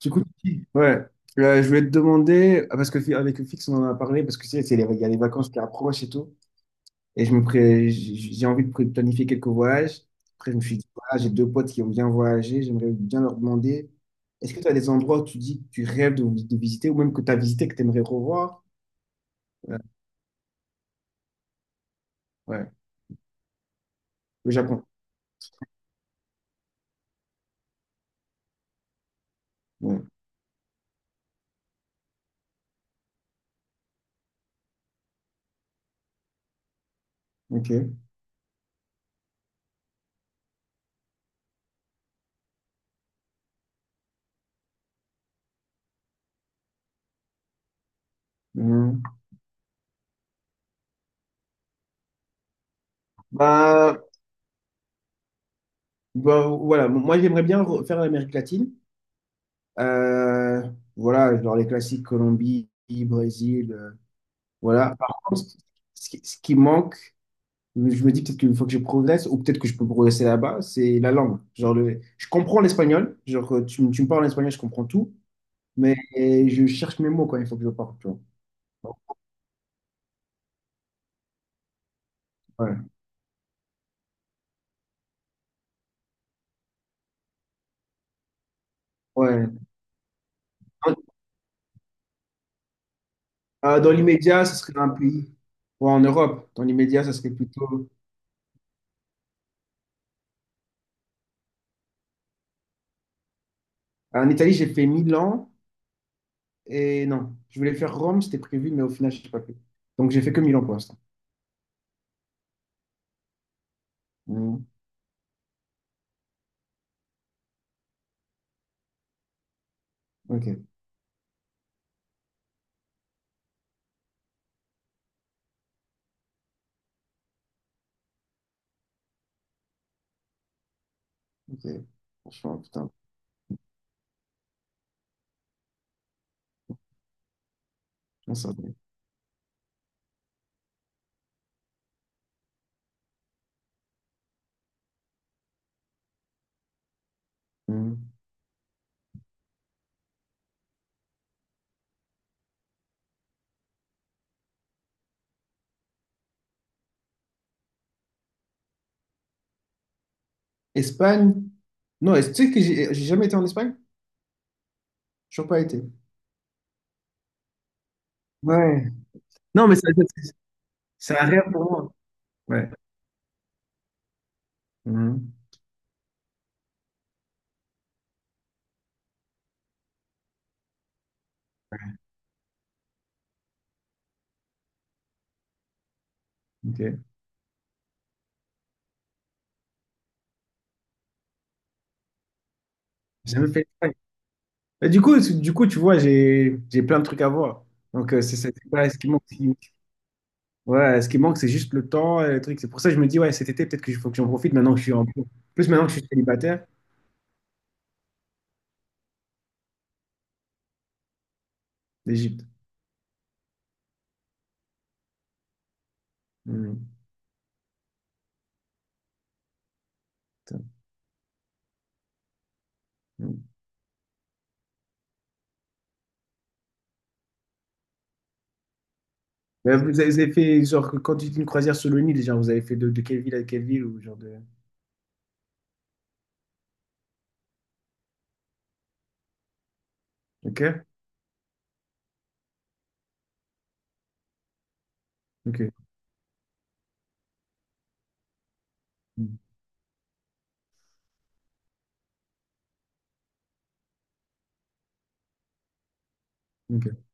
Du coup. Ouais. Je voulais te demander, ah, parce que avec le fixe, on en a parlé, parce que tu sais, il y a les vacances qui approchent et tout. Et j'ai envie de planifier quelques voyages. Après, je me suis dit, voilà, j'ai deux potes qui ont bien voyagé, j'aimerais bien leur demander, est-ce que tu as des endroits où tu dis que tu rêves de visiter, ou même que tu as visité, que tu aimerais revoir? Euh, ouais, le Japon. Ouais. Ok. Mhm. Bah, voilà. Bon, moi j'aimerais bien faire l'Amérique latine. Euh, voilà, genre les classiques, Colombie, Brésil, voilà. Par contre, ce qui manque, je me dis peut-être qu'une fois que je progresse, ou peut-être que je peux progresser là-bas, c'est la langue. Genre je comprends l'espagnol, genre tu me parles en espagnol, je comprends tout, mais je cherche mes mots quand il faut que je parle, tu vois. Ouais. Ouais. Dans, dans l'immédiat, ce serait un pays. Ouais, en Europe, dans l'immédiat, ça serait plutôt. En Italie, j'ai fait Milan et non, je voulais faire Rome, c'était prévu, mais au final, je n'ai pas fait. Donc, j'ai fait que Milan pour l'instant. Mhm. Ok, ok. Franchement, putain, on s'en va. Mmh. Espagne? Non, est-ce tu sais que j'ai jamais été en Espagne? J'ai toujours pas été. Ouais. Non, mais c'est un rêve pour moi. Ouais. Mhm. Ok. J'ai jamais fait l'Espagne. Et du coup, du coup, tu vois, j'ai plein de trucs à voir. Donc, c'est pas ce qui manque. Ouais, ce qui manque, c'est juste le temps et le truc. C'est pour ça que je me dis, ouais, cet été, peut-être que faut que j'en profite maintenant que je suis en plus maintenant que je suis célibataire. L'Égypte. Mhm. Putain. Mhm. Mais vous avez fait, genre, quand tu dis une croisière sur le Nil, genre, vous avez fait de quelle ville à quelle ville ou genre Ok? Ok. Mhm. OK.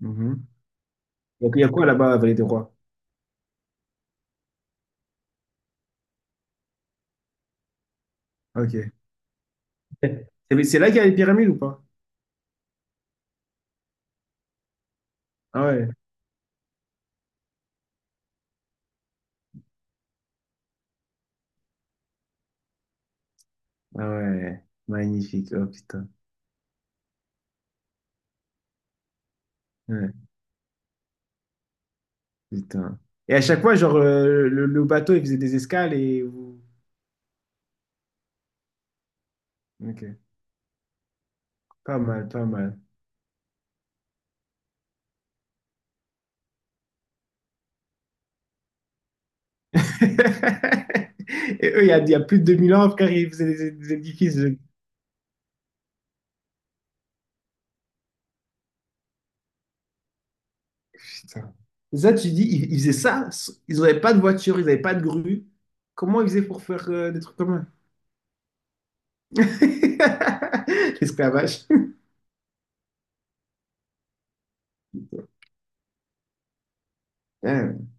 Mhm. Donc, il y a quoi là-bas à Vallée des Rois? OK. C'est là qu'il y a les pyramides ou pas? Ah ouais. Ah ouais. Magnifique. Oh putain. Ouais, putain. Et à chaque fois, genre, le bateau, il faisait des escales OK. Pas mal, pas mal. Et eux, il y a plus de 2000 ans, frère, ils faisaient des édifices. Putain. Ça, tu dis, ils faisaient ça, ils n'avaient pas de voiture, ils n'avaient pas de grue. Comment ils faisaient pour faire des trucs comme ça? L'esclavage. Hein.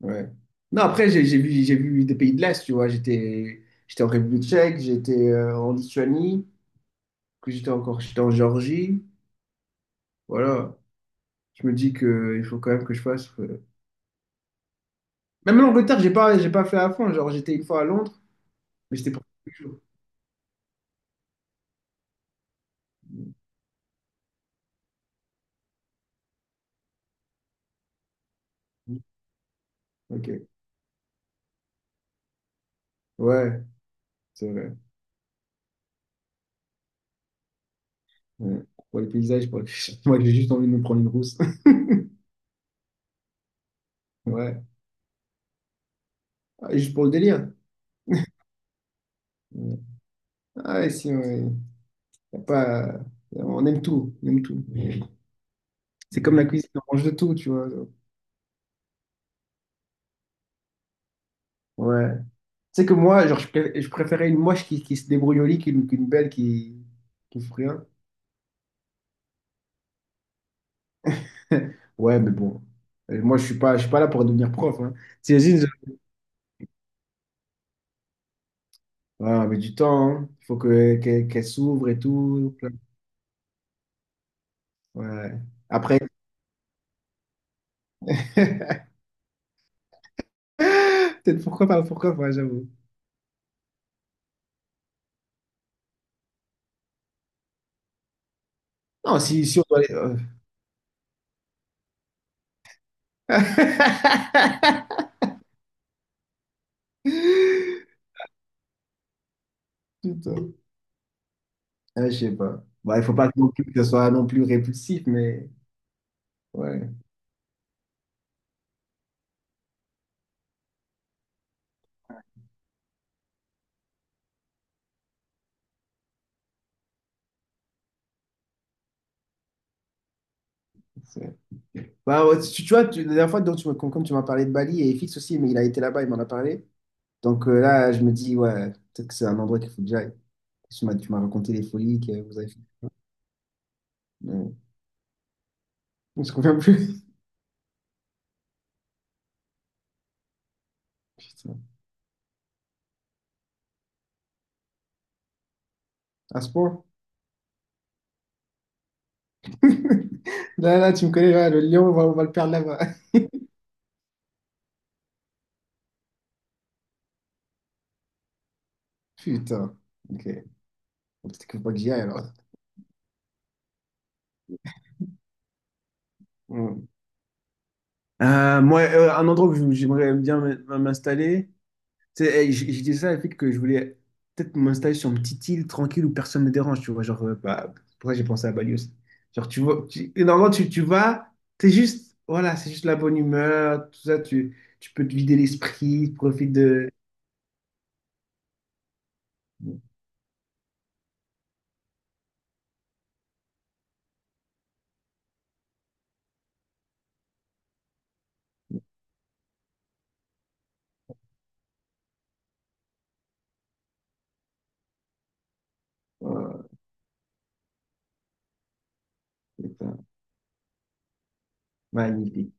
Ouais. Non, après, j'ai vu des pays de l'Est, tu vois. J'étais en République tchèque, j'étais en Lituanie, que j'étais encore, j'étais en Géorgie. Voilà. Je me dis que il faut quand même que je fasse, même l'Angleterre, j'ai pas fait à fond. Genre, j'étais une fois à Londres, mais j'étais pour quelques jours. Ok. Ouais. C'est vrai. Ouais. Pour les paysages, moi j'ai juste envie de me prendre une rousse. Ouais. Ah, juste pour le délire. Ouais. Ah ouais, si, ouais. Y a pas... On aime tout, on aime tout. C'est comme la cuisine, on mange de tout, tu vois. Ouais. Tu sais que moi, genre, je préférais une moche qui se débrouille au lit qu'une belle qui fout rien. Ouais, mais bon. Moi, je suis pas là pour devenir prof. Hein. T'imagines, ah, mais du temps, hein. Il faut que qu'elle qu'elle s'ouvre et tout. Ouais. Après, peut-être pourquoi pas, j'avoue. Non, si on doit aller. Putain. Ah, je sais pas. Bah, il faut pas que non plus que ce soit non plus répulsif, mais ouais. c'est- Bah, ouais, tu vois, la dernière fois, donc, comme tu m'as parlé de Bali et Fix aussi, mais il a été là-bas, il m'en a parlé. Donc là, je me dis, ouais, peut-être que c'est un endroit qu'il faut que j'aille. Tu m'as raconté les folies que vous avez fait. Mais on se convient plus. Putain. À ce point. Là, là, tu me connais, là, le lion, on va le perdre là-bas. Putain. Ok. Peut-être qu'il faut pas que j'y aille alors. Hmm. Moi, un endroit où j'aimerais bien m'installer, tu sais, eh, j'ai dit ça avec que je voulais peut-être m'installer sur une petite île tranquille où personne ne dérange, tu vois. Genre, bah, pourquoi j'ai pensé à Bali aussi. Genre, tu vois, et normalement, tu vas, t'es juste, voilà, c'est juste la bonne humeur, tout ça, tu peux te vider l'esprit, profite de. Voilà, c'est ça. Magnifique.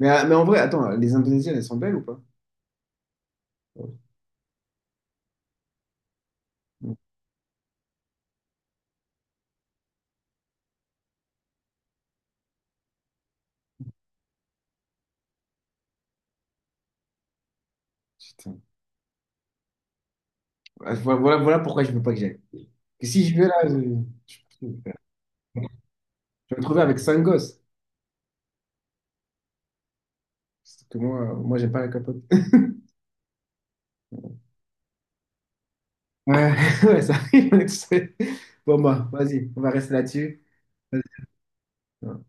Mais en vrai, attends, les Indonésiennes, elles sont belles ou pas? Oh, putain. Ah, voilà, voilà voilà pourquoi je veux pas que j'aille. Que si je vais là, je me trouvais avec cinq gosses. Sauf que moi j'aime pas la capote. Ouais, ouais, ça arrive. Bon, bah, vas-y, on va rester là-dessus. Vas-y.